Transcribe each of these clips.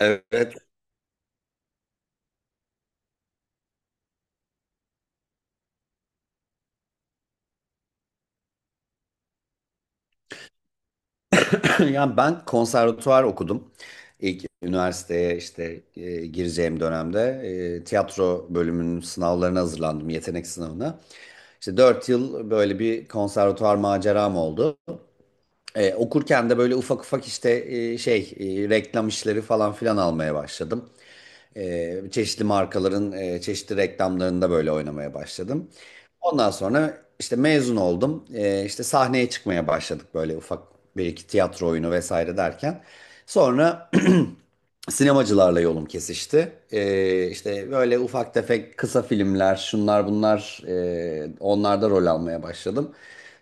Evet. Yani ben konservatuvar okudum. İlk üniversiteye işte gireceğim dönemde tiyatro bölümünün sınavlarına hazırlandım, yetenek sınavına. İşte 4 yıl böyle bir konservatuvar maceram oldu. Okurken de böyle ufak ufak işte reklam işleri falan filan almaya başladım. Çeşitli markaların çeşitli reklamlarında böyle oynamaya başladım. Ondan sonra işte mezun oldum. İşte sahneye çıkmaya başladık böyle ufak bir iki tiyatro oyunu vesaire derken. Sonra sinemacılarla yolum kesişti. İşte böyle ufak tefek kısa filmler, şunlar bunlar, onlarda rol almaya başladım.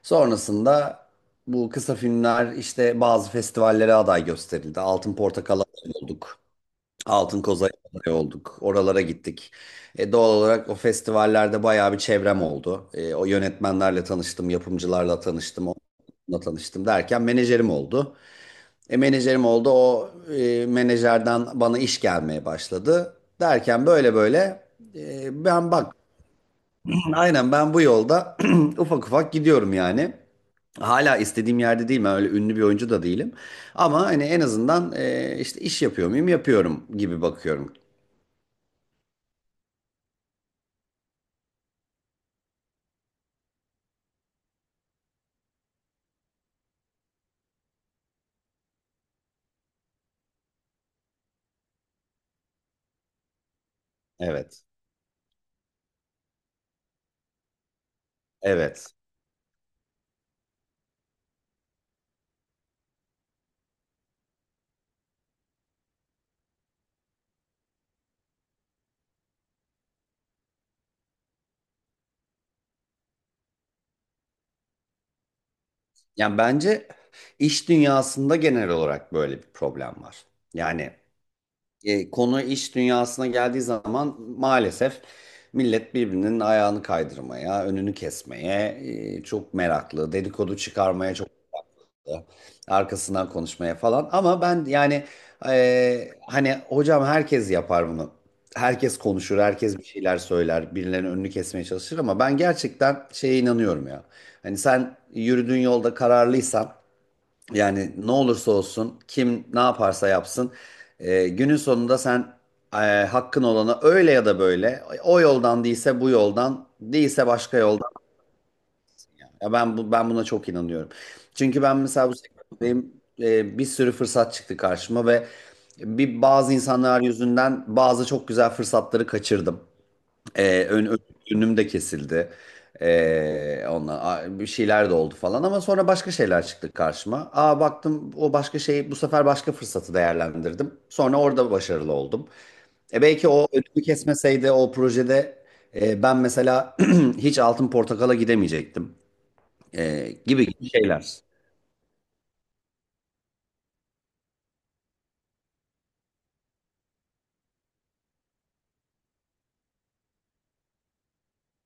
Sonrasında bu kısa filmler işte bazı festivallere aday gösterildi. Altın Portakal'a aday olduk. Altın Koza'ya aday olduk. Oralara gittik. Doğal olarak o festivallerde bayağı bir çevrem oldu. O yönetmenlerle tanıştım, yapımcılarla tanıştım, onunla tanıştım derken menajerim oldu. Menajerim oldu. O menajerden bana iş gelmeye başladı. Derken böyle böyle, e, ben bak aynen ben bu yolda ufak ufak gidiyorum yani. Hala istediğim yerde değilim. Ben öyle ünlü bir oyuncu da değilim. Ama hani en azından işte iş yapıyor muyum, yapıyorum gibi bakıyorum. Evet. Evet. Yani bence iş dünyasında genel olarak böyle bir problem var. Yani, konu iş dünyasına geldiği zaman maalesef millet birbirinin ayağını kaydırmaya, önünü kesmeye çok meraklı, dedikodu çıkarmaya çok meraklı, arkasından konuşmaya falan. Ama ben yani, hani hocam, herkes yapar bunu. Herkes konuşur, herkes bir şeyler söyler, birilerinin önünü kesmeye çalışır ama ben gerçekten şeye inanıyorum ya. Hani sen yürüdüğün yolda kararlıysan, yani ne olursa olsun, kim ne yaparsa yapsın, günün sonunda sen e, hakkın olana öyle ya da böyle, o yoldan değilse bu yoldan, değilse başka yoldan. Ya ben bu ben buna çok inanıyorum. Çünkü ben mesela bu sektördeyim, bir sürü fırsat çıktı karşıma ve bazı insanlar yüzünden bazı çok güzel fırsatları kaçırdım. Ee, ön, ön- Önüm de kesildi. Onunla bir şeyler de oldu falan ama sonra başka şeyler çıktı karşıma. Aa, baktım o başka şeyi, bu sefer başka fırsatı değerlendirdim. Sonra orada başarılı oldum. E belki o önümü kesmeseydi o projede, ben mesela hiç Altın Portakal'a gidemeyecektim. Gibi gibi şeyler.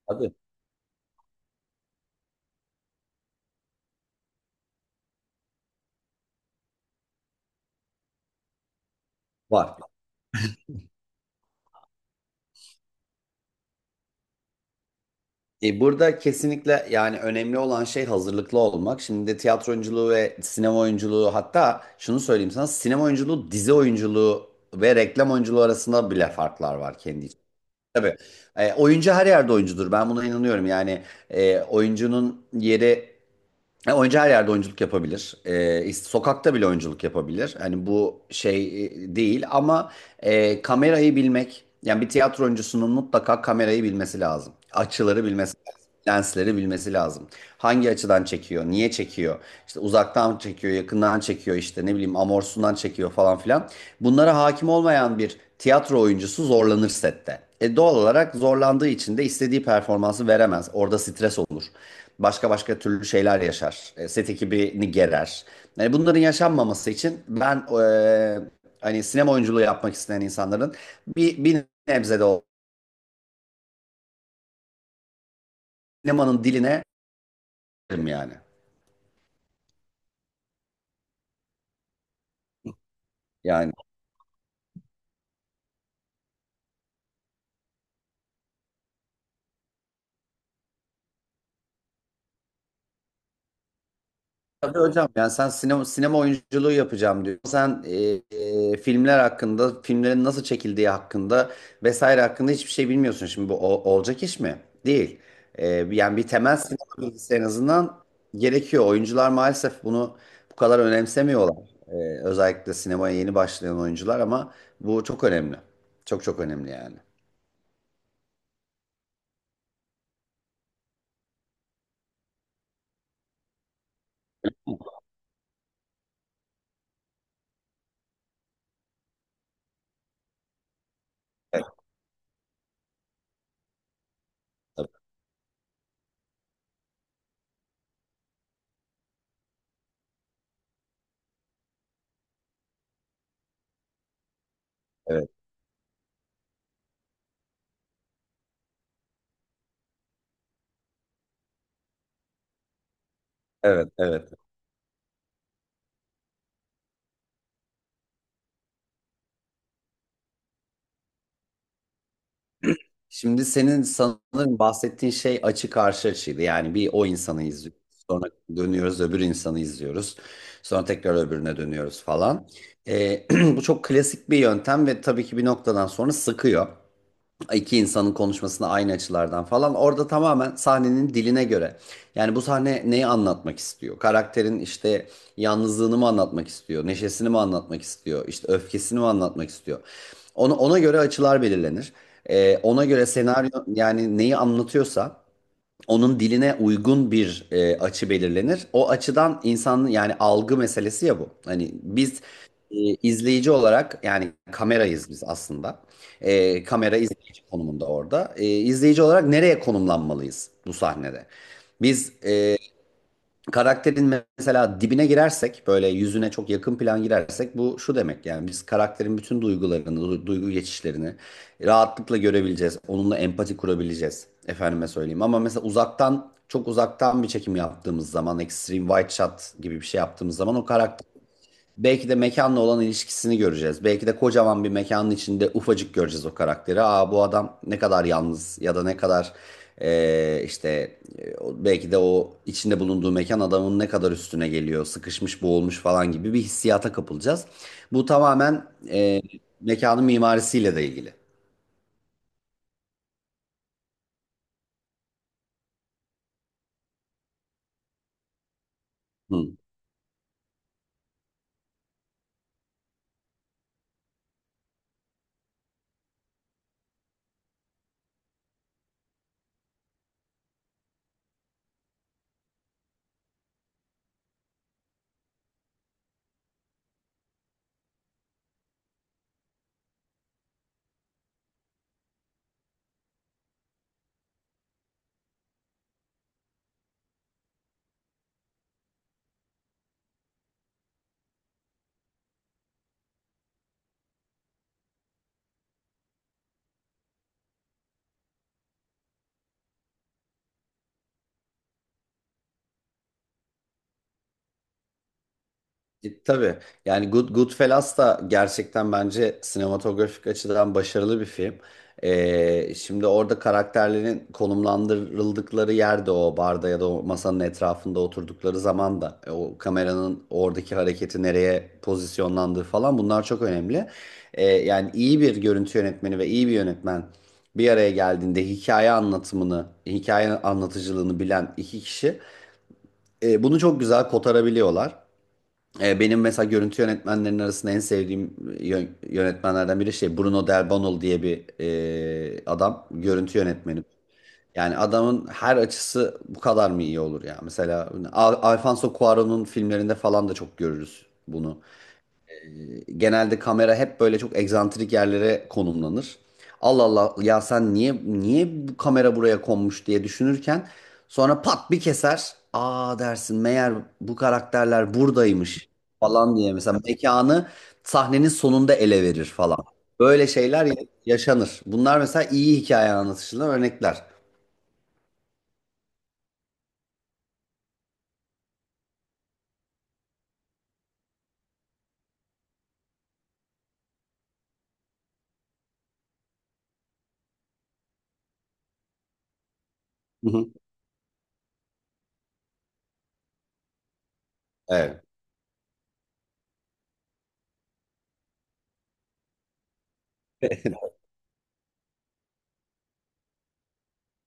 Tabii. Var. Burada kesinlikle, yani önemli olan şey hazırlıklı olmak. Şimdi tiyatro oyunculuğu ve sinema oyunculuğu, hatta şunu söyleyeyim sana, sinema oyunculuğu, dizi oyunculuğu ve reklam oyunculuğu arasında bile farklar var kendi için. Tabii, oyuncu her yerde oyuncudur. Ben buna inanıyorum. Yani oyuncunun yeri, oyuncu her yerde oyunculuk yapabilir. Sokakta bile oyunculuk yapabilir. Hani bu değil ama kamerayı bilmek, yani bir tiyatro oyuncusunun mutlaka kamerayı bilmesi lazım. Açıları bilmesi, lensleri bilmesi lazım. Hangi açıdan çekiyor, niye çekiyor, işte uzaktan çekiyor, yakından çekiyor, işte ne bileyim amorsundan çekiyor falan filan. Bunlara hakim olmayan bir tiyatro oyuncusu zorlanır sette. E doğal olarak zorlandığı için de istediği performansı veremez. Orada stres olur. Başka başka türlü şeyler yaşar. Set ekibini gerer. Yani bunların yaşanmaması için ben, hani sinema oyunculuğu yapmak isteyen insanların bir nebze de o sinemanın diline, yani. Yani. Tabii hocam, yani sen sinema, sinema oyunculuğu yapacağım diyor. Sen filmler hakkında, filmlerin nasıl çekildiği hakkında vesaire hakkında hiçbir şey bilmiyorsun. Şimdi bu olacak iş mi? Değil. Yani bir temel sinema bilgisi en azından gerekiyor. Oyuncular maalesef bunu bu kadar önemsemiyorlar. Özellikle sinemaya yeni başlayan oyuncular, ama bu çok önemli. Çok çok önemli yani. Tabii. Evet, evet, evet. Şimdi senin sanırım bahsettiğin şey açı karşı açıydı. Yani bir o insanı izliyoruz. Sonra dönüyoruz, öbür insanı izliyoruz. Sonra tekrar öbürüne dönüyoruz falan. Ee, bu çok klasik bir yöntem ve tabii ki bir noktadan sonra sıkıyor, iki insanın konuşmasını aynı açılardan falan. Orada tamamen sahnenin diline göre. Yani bu sahne neyi anlatmak istiyor? Karakterin işte yalnızlığını mı anlatmak istiyor? Neşesini mi anlatmak istiyor? İşte öfkesini mi anlatmak istiyor? Ona göre açılar belirlenir. Ona göre senaryo, yani neyi anlatıyorsa onun diline uygun bir açı belirlenir. O açıdan insanın, yani algı meselesi ya bu. Hani biz, e, izleyici olarak, yani kamerayız biz aslında. Kamera izleyici konumunda orada. İzleyici olarak nereye konumlanmalıyız bu sahnede? Biz karakterin mesela dibine girersek, böyle yüzüne çok yakın plan girersek, bu şu demek: yani biz karakterin bütün duygularını, duygu geçişlerini rahatlıkla görebileceğiz. Onunla empati kurabileceğiz. Efendime söyleyeyim, ama mesela uzaktan, çok uzaktan bir çekim yaptığımız zaman, extreme wide shot gibi bir şey yaptığımız zaman, o karakter, belki de mekanla olan ilişkisini göreceğiz. Belki de kocaman bir mekanın içinde ufacık göreceğiz o karakteri. Aa, bu adam ne kadar yalnız ya da ne kadar belki de o içinde bulunduğu mekan adamın ne kadar üstüne geliyor, sıkışmış, boğulmuş falan gibi bir hissiyata kapılacağız. Bu tamamen mekanın mimarisiyle de ilgili. Hı. Tabii, yani Goodfellas da gerçekten bence sinematografik açıdan başarılı bir film. Şimdi orada karakterlerin konumlandırıldıkları yerde, o barda ya da o masanın etrafında oturdukları zaman da, o kameranın oradaki hareketi, nereye pozisyonlandığı falan, bunlar çok önemli. Yani iyi bir görüntü yönetmeni ve iyi bir yönetmen bir araya geldiğinde, hikaye anlatımını, hikaye anlatıcılığını bilen iki kişi, bunu çok güzel kotarabiliyorlar. Benim mesela görüntü yönetmenlerinin arasında en sevdiğim yönetmenlerden biri, şey, Bruno Del Bonal diye bir adam, görüntü yönetmeni. Yani adamın her açısı bu kadar mı iyi olur ya? Mesela Alfonso Cuarón'un filmlerinde falan da çok görürüz bunu. Genelde kamera hep böyle çok egzantrik yerlere konumlanır. Allah Allah ya, sen niye, bu kamera buraya konmuş diye düşünürken, sonra pat bir keser. Aa dersin, meğer bu karakterler buradaymış falan diye mesela mekanı sahnenin sonunda ele verir falan. Böyle şeyler yaşanır. Bunlar mesela iyi hikaye anlatışından örnekler. Hı hı. Evet.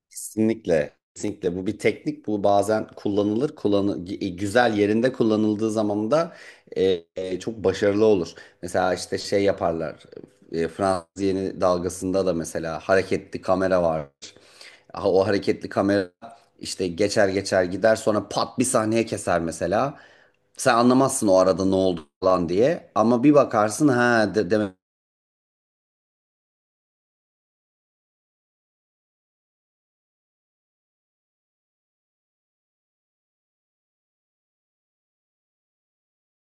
Kesinlikle. Kesinlikle. Bu bir teknik. Bu bazen kullanılır. Güzel, yerinde kullanıldığı zaman da çok başarılı olur. Mesela işte şey yaparlar. Fransız yeni dalgasında da mesela hareketli kamera var. Ha, o hareketli kamera işte geçer geçer gider, sonra pat bir sahneye keser mesela. Sen anlamazsın o arada ne oldu falan diye. Ama bir bakarsın, ha demek